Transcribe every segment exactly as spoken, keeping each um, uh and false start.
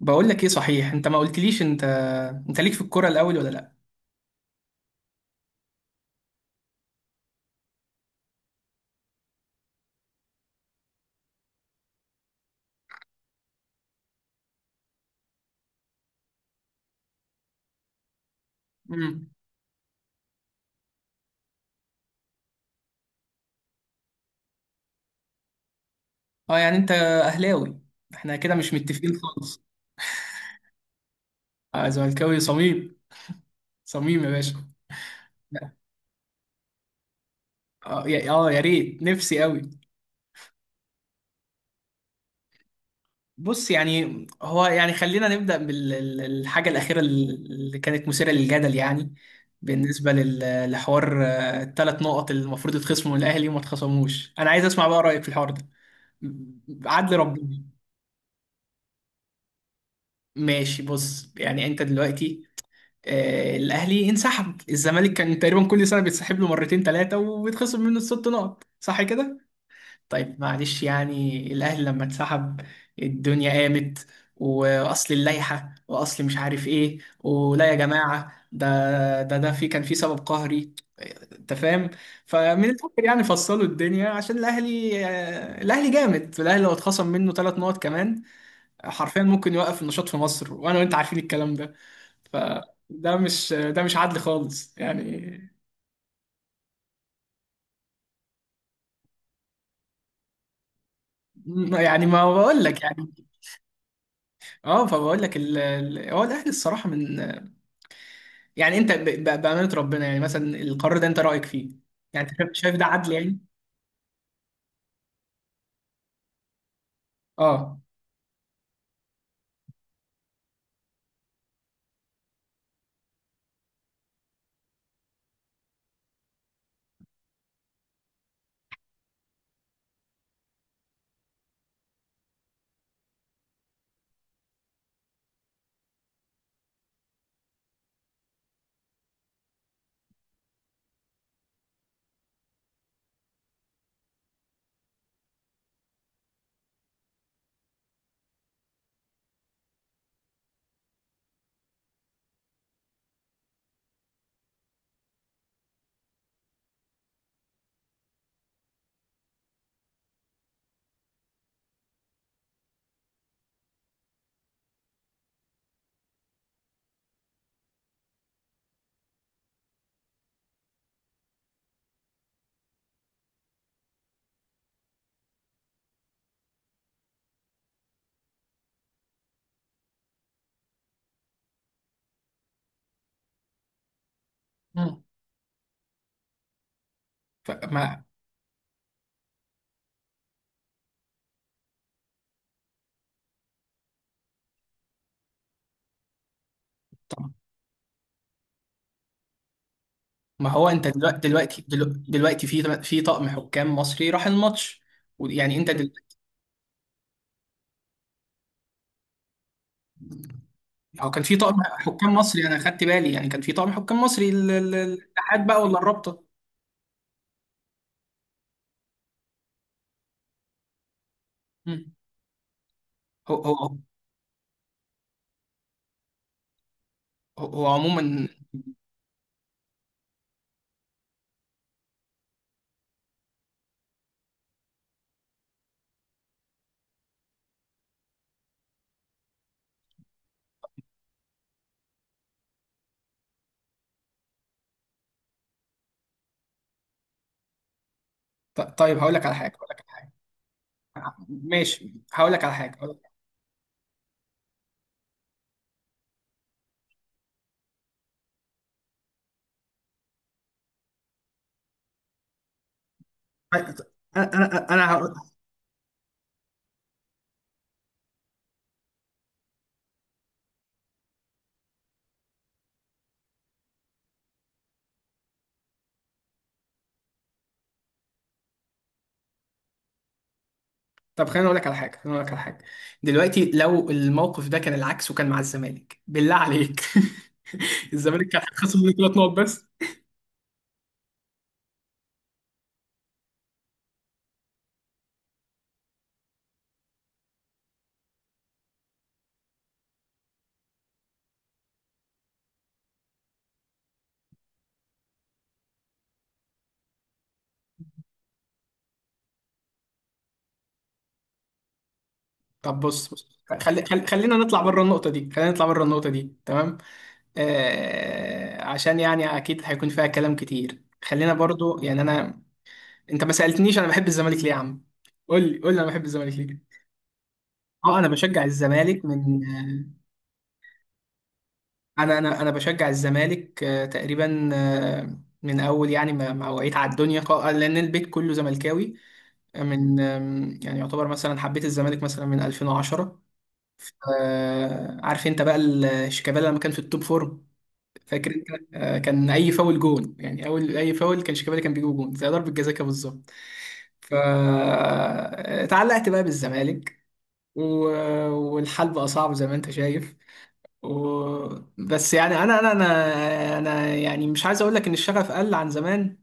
بقول لك ايه، صحيح انت ما قلتليش، انت انت ليك في الكوره الاول ولا لا؟ امم اه، يعني انت اهلاوي. احنا كده مش متفقين خالص. اه، زملكاوي صميم، صميم يا باشا. اه يا اه يا ريت، نفسي قوي. بص، يعني هو يعني خلينا نبدا بالحاجه الاخيره اللي كانت مثيره للجدل يعني. بالنسبه لل- لحوار، آه، الثلاث نقط اللي المفروض يتخصموا من الاهلي وما اتخصموش، انا عايز اسمع بقى رايك في الحوار ده. عدل ربنا. ماشي، بص يعني انت دلوقتي، آه، الاهلي انسحب، الزمالك كان تقريبا كل سنه بيتسحب له مرتين ثلاثه وبيتخصم منه الست نقط، صح كده؟ طيب، معلش، يعني الاهلي لما اتسحب الدنيا قامت، واصل اللائحه، واصل مش عارف ايه، ولا يا جماعه ده. ده ده في كان في سبب قهري، آه، انت فاهم. فمن الاخر، يعني فصلوا الدنيا عشان الاهلي، آه، الاهلي جامد، الاهلي لو اتخصم منه ثلاث نقط كمان حرفيا ممكن يوقف النشاط في مصر، وانا وانت عارفين الكلام ده. فده مش، ده مش عدل خالص يعني. يعني ما بقول لك يعني. اه، فبقول لك ال- ال- هو الاهلي الصراحه من، يعني انت ب- ب- بامانه ربنا، يعني مثلا القرار ده انت رايك فيه؟ يعني انت شايف، شايف ده عدل يعني؟ اه. مم. فما. طب، ما هو انت دلوقتي، دلوقتي دلو- دلوقتي في في طقم حكام مصري راح الماتش، ويعني انت دل... هو كان في طقم حكام مصري، انا خدت بالي، يعني كان في طقم حكام مصري ال- ال- الاتحاد بقى ولا الرابطه. مم. هو هو هو هو عموما. ط- طيب، هقول لك على حاجه، هقول لك على حاجه ماشي هقول لك على حاجه، هقول لك انا انا انا هقول. طب خليني اقول لك على حاجه، خليني اقول لك على حاجه دلوقتي لو الموقف ده كان العكس وكان مع الزمالك، بالله عليك. الزمالك كان هيتخصم منه ثلاث نقط بس. طب بص، بص خلي خلي خلينا نطلع بره النقطه دي، خلينا نطلع بره النقطه دي تمام. آه، عشان يعني اكيد هيكون فيها كلام كتير، خلينا برضو يعني انا. انت ما سالتنيش انا بحب الزمالك ليه يا عم. قول لي، قول لي انا بحب الزمالك ليه. اه انا بشجع الزمالك من آه، انا انا انا بشجع الزمالك آه، تقريبا آه، من اول، يعني ما ما وعيت على الدنيا، ق- لان البيت كله زملكاوي. آه، من آم، يعني يعتبر مثلا حبيت الزمالك مثلا من الفين وعشرة. آه، عارف انت بقى ال- شيكابالا لما كان في التوب فورم، فاكر انت؟ آه، كان اي فاول جون، يعني اول اي فاول كان شيكابالا كان بيجيب جون زي ضربة جزاء كده بالظبط. فتعلقت بقى بالزمالك، و- والحال بقى صعب زي ما انت شايف. و... بس يعني انا انا انا انا يعني مش عايز اقول لك ان الشغف قل عن زمان،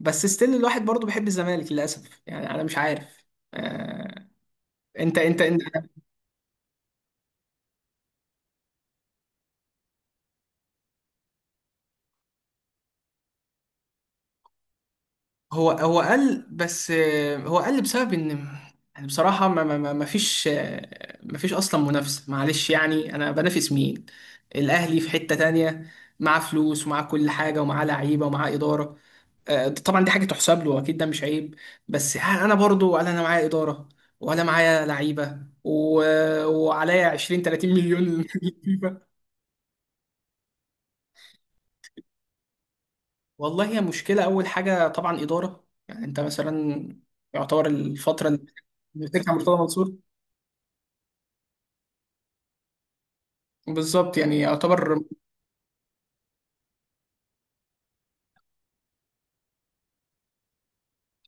بس ستيل الواحد برضه بيحب الزمالك للاسف، يعني انا مش عارف. آه، انت انت انت. هو هو قل، بس آه، هو قل بسبب ان يعني بصراحة ما ما ما ما فيش، آه، ما فيش اصلا منافسة. معلش، يعني انا بنافس مين؟ الاهلي في حتة تانية، معاه فلوس ومعاه كل حاجة ومعاه لعيبة ومعاه إدارة. آه، طبعا دي حاجه تحسب له اكيد، ده مش عيب. بس ها- انا برضو، ولا انا معايا اداره ولا معايا لعيبه، و... وعليا عشرين تلاتين مليون فيفا. والله، هي مشكله. اول حاجه طبعا اداره، يعني انت مثلا يعتبر الفتره اللي مسكها مرتضى منصور بالظبط، يعني يعتبر.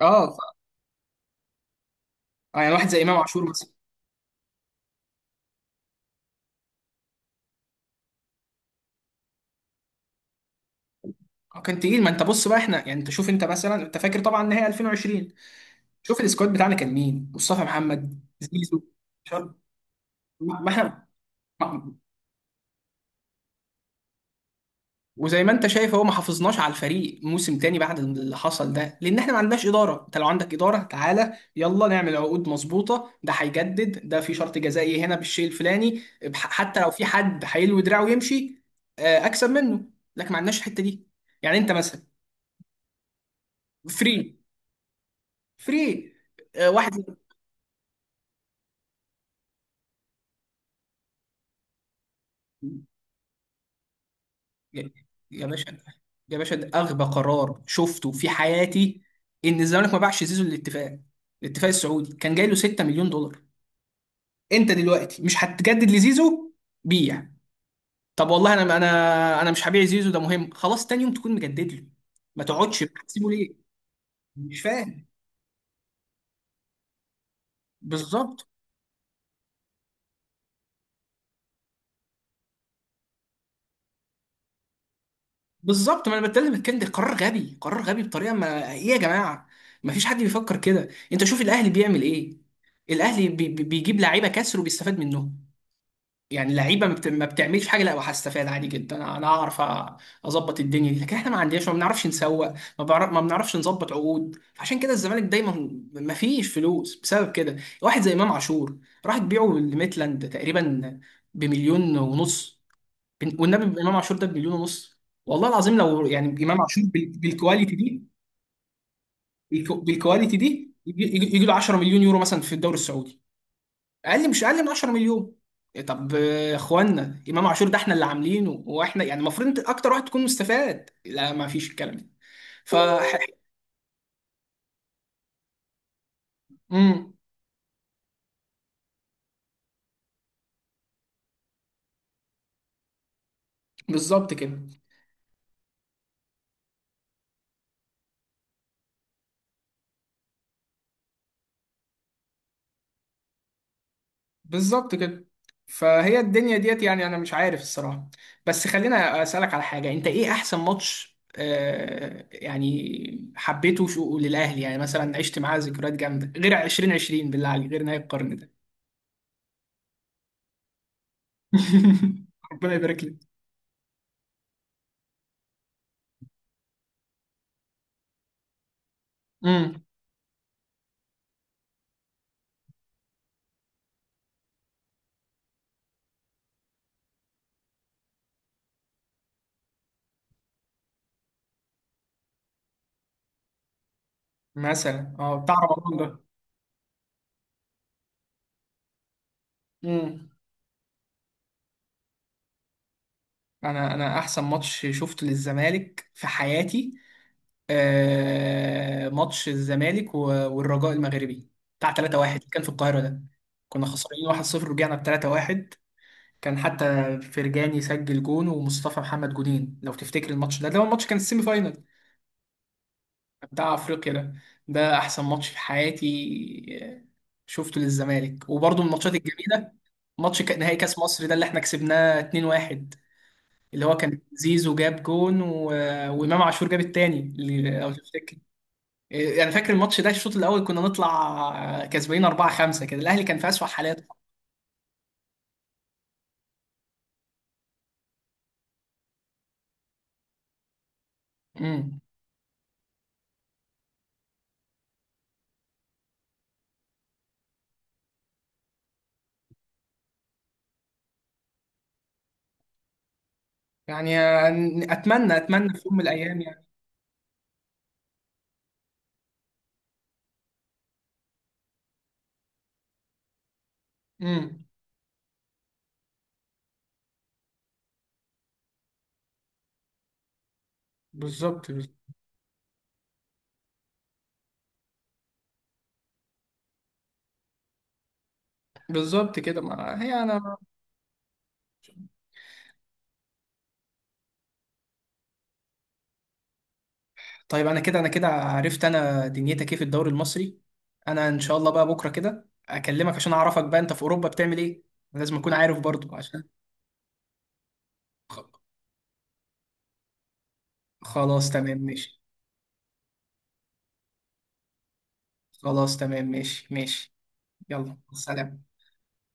اه ف، آه، يعني واحد زي امام عاشور مثلا. آه، كان تقيل. ما انت بص بقى احنا، يعني انت شوف، انت مثلا انت فاكر طبعا نهائي الفين وعشرين، شوف السكواد بتاعنا كان مين، مصطفى محمد، زيزو. شرب. ما ما احنا، ما وزي ما انت شايف هو ما حافظناش على الفريق موسم تاني بعد اللي حصل ده، لان احنا ما عندناش اداره. انت لو عندك اداره تعالى يلا نعمل عقود مظبوطه، ده هيجدد، ده في شرط جزائي هنا بالشيء الفلاني بح- حتى لو في حد هيلوي دراعه ويمشي، آه، اكسب منه. لكن ما عندناش الحته دي، يعني انت مثلا. فري فري آه، واحد. يا، يا باشا يا باشا ده اغبى قرار شفته في حياتي، ان الزمالك ما باعش زيزو للاتفاق. الاتفاق السعودي كان جاي له ستة مليون دولار. انت دلوقتي مش هتجدد لزيزو، بيع. طب والله انا، انا انا مش هبيع زيزو، ده مهم خلاص. تاني يوم تكون مجدد له، ما تقعدش، هتسيبه ليه؟ مش فاهم، بالظبط. بالظبط، ما انا بتكلم الكلام ده. قرار غبي، قرار غبي بطريقه. ما ايه يا جماعه، ما فيش حد بيفكر كده. انت شوف الاهلي بيعمل ايه. الاهلي بي... بي- بيجيب لعيبه كسر وبيستفاد منهم. يعني لعيبه ما بت- ما بتعملش حاجه، لا، وهستفاد عادي جدا، انا هعرف أ- اظبط الدنيا دي. لكن احنا ما عندناش، ما بنعرفش نسوق ما, بعرف ما بنعرفش نظبط عقود، عشان كده الزمالك دايما ما فيش فلوس بسبب كده. واحد زي امام عاشور راح تبيعه لميتلاند تقريبا بمليون ونص. بن- والنبي امام عاشور ده بمليون ونص. والله العظيم، لو يعني امام عاشور بال- بالكواليتي دي، بالكو- بالكواليتي دي يجي، يجي- يجي له عشرة مليون يورو مثلا في الدوري السعودي، اقل، مش اقل من عشرة مليون. إيه طب، آه، اخوانا امام عاشور ده احنا اللي عاملينه، واحنا يعني المفروض انت اكتر واحد تكون مستفاد. لا، ما فيش الكلام ده. ف، امم بالظبط كده، بالظبط كده فهي الدنيا ديت، يعني انا مش عارف الصراحه. بس خلينا اسالك على حاجه، انت ايه احسن ماتش آه يعني حبيته شو للاهلي، يعني مثلا عشت معاه ذكريات جامده غير الفين وعشرين، بالله عليك، غير نهايه القرن ده. ربنا يبارك لك. امم، مثلا اه بتاع رمضان. مم. انا، انا احسن ماتش شفته للزمالك في حياتي آه، ماتش الزمالك و- والرجاء المغربي بتاع ثلاثة واحد كان في القاهرة ده، كنا خسرانين واحد صفر رجعنا ب تلاتة واحد. كان حتى فرجاني سجل جون ومصطفى محمد جونين لو تفتكر الماتش ده، ده هو الماتش كان السيمي فاينال بتاع افريقيا ده. ده احسن ماتش في حياتي آه، شفته للزمالك. وبرضه من الماتشات الجميلة ماتش ك- نهائي كاس مصر ده اللي احنا كسبناه اتنين واحد، اللي هو كان زيزو جاب جون، و... وامام عاشور جاب التاني اللي لو تفتكر، يعني فاكر الماتش ده الشوط الاول كنا نطلع كسبانين اربعة خمسة كده، الاهلي كان في اسوأ حالاته. امم، يعني اتمنى، اتمنى في يوم من الايام يعني. امم، بالظبط، بالظبط كده ما هي انا. طيب، انا كده، انا كده عرفت انا دنيتك ايه في الدوري المصري، انا ان شاء الله بقى بكره كده اكلمك عشان اعرفك بقى انت في اوروبا بتعمل ايه، لازم اكون عارف برضو عشان. خ- خلاص تمام ماشي. خلاص تمام ماشي ماشي يلا سلام.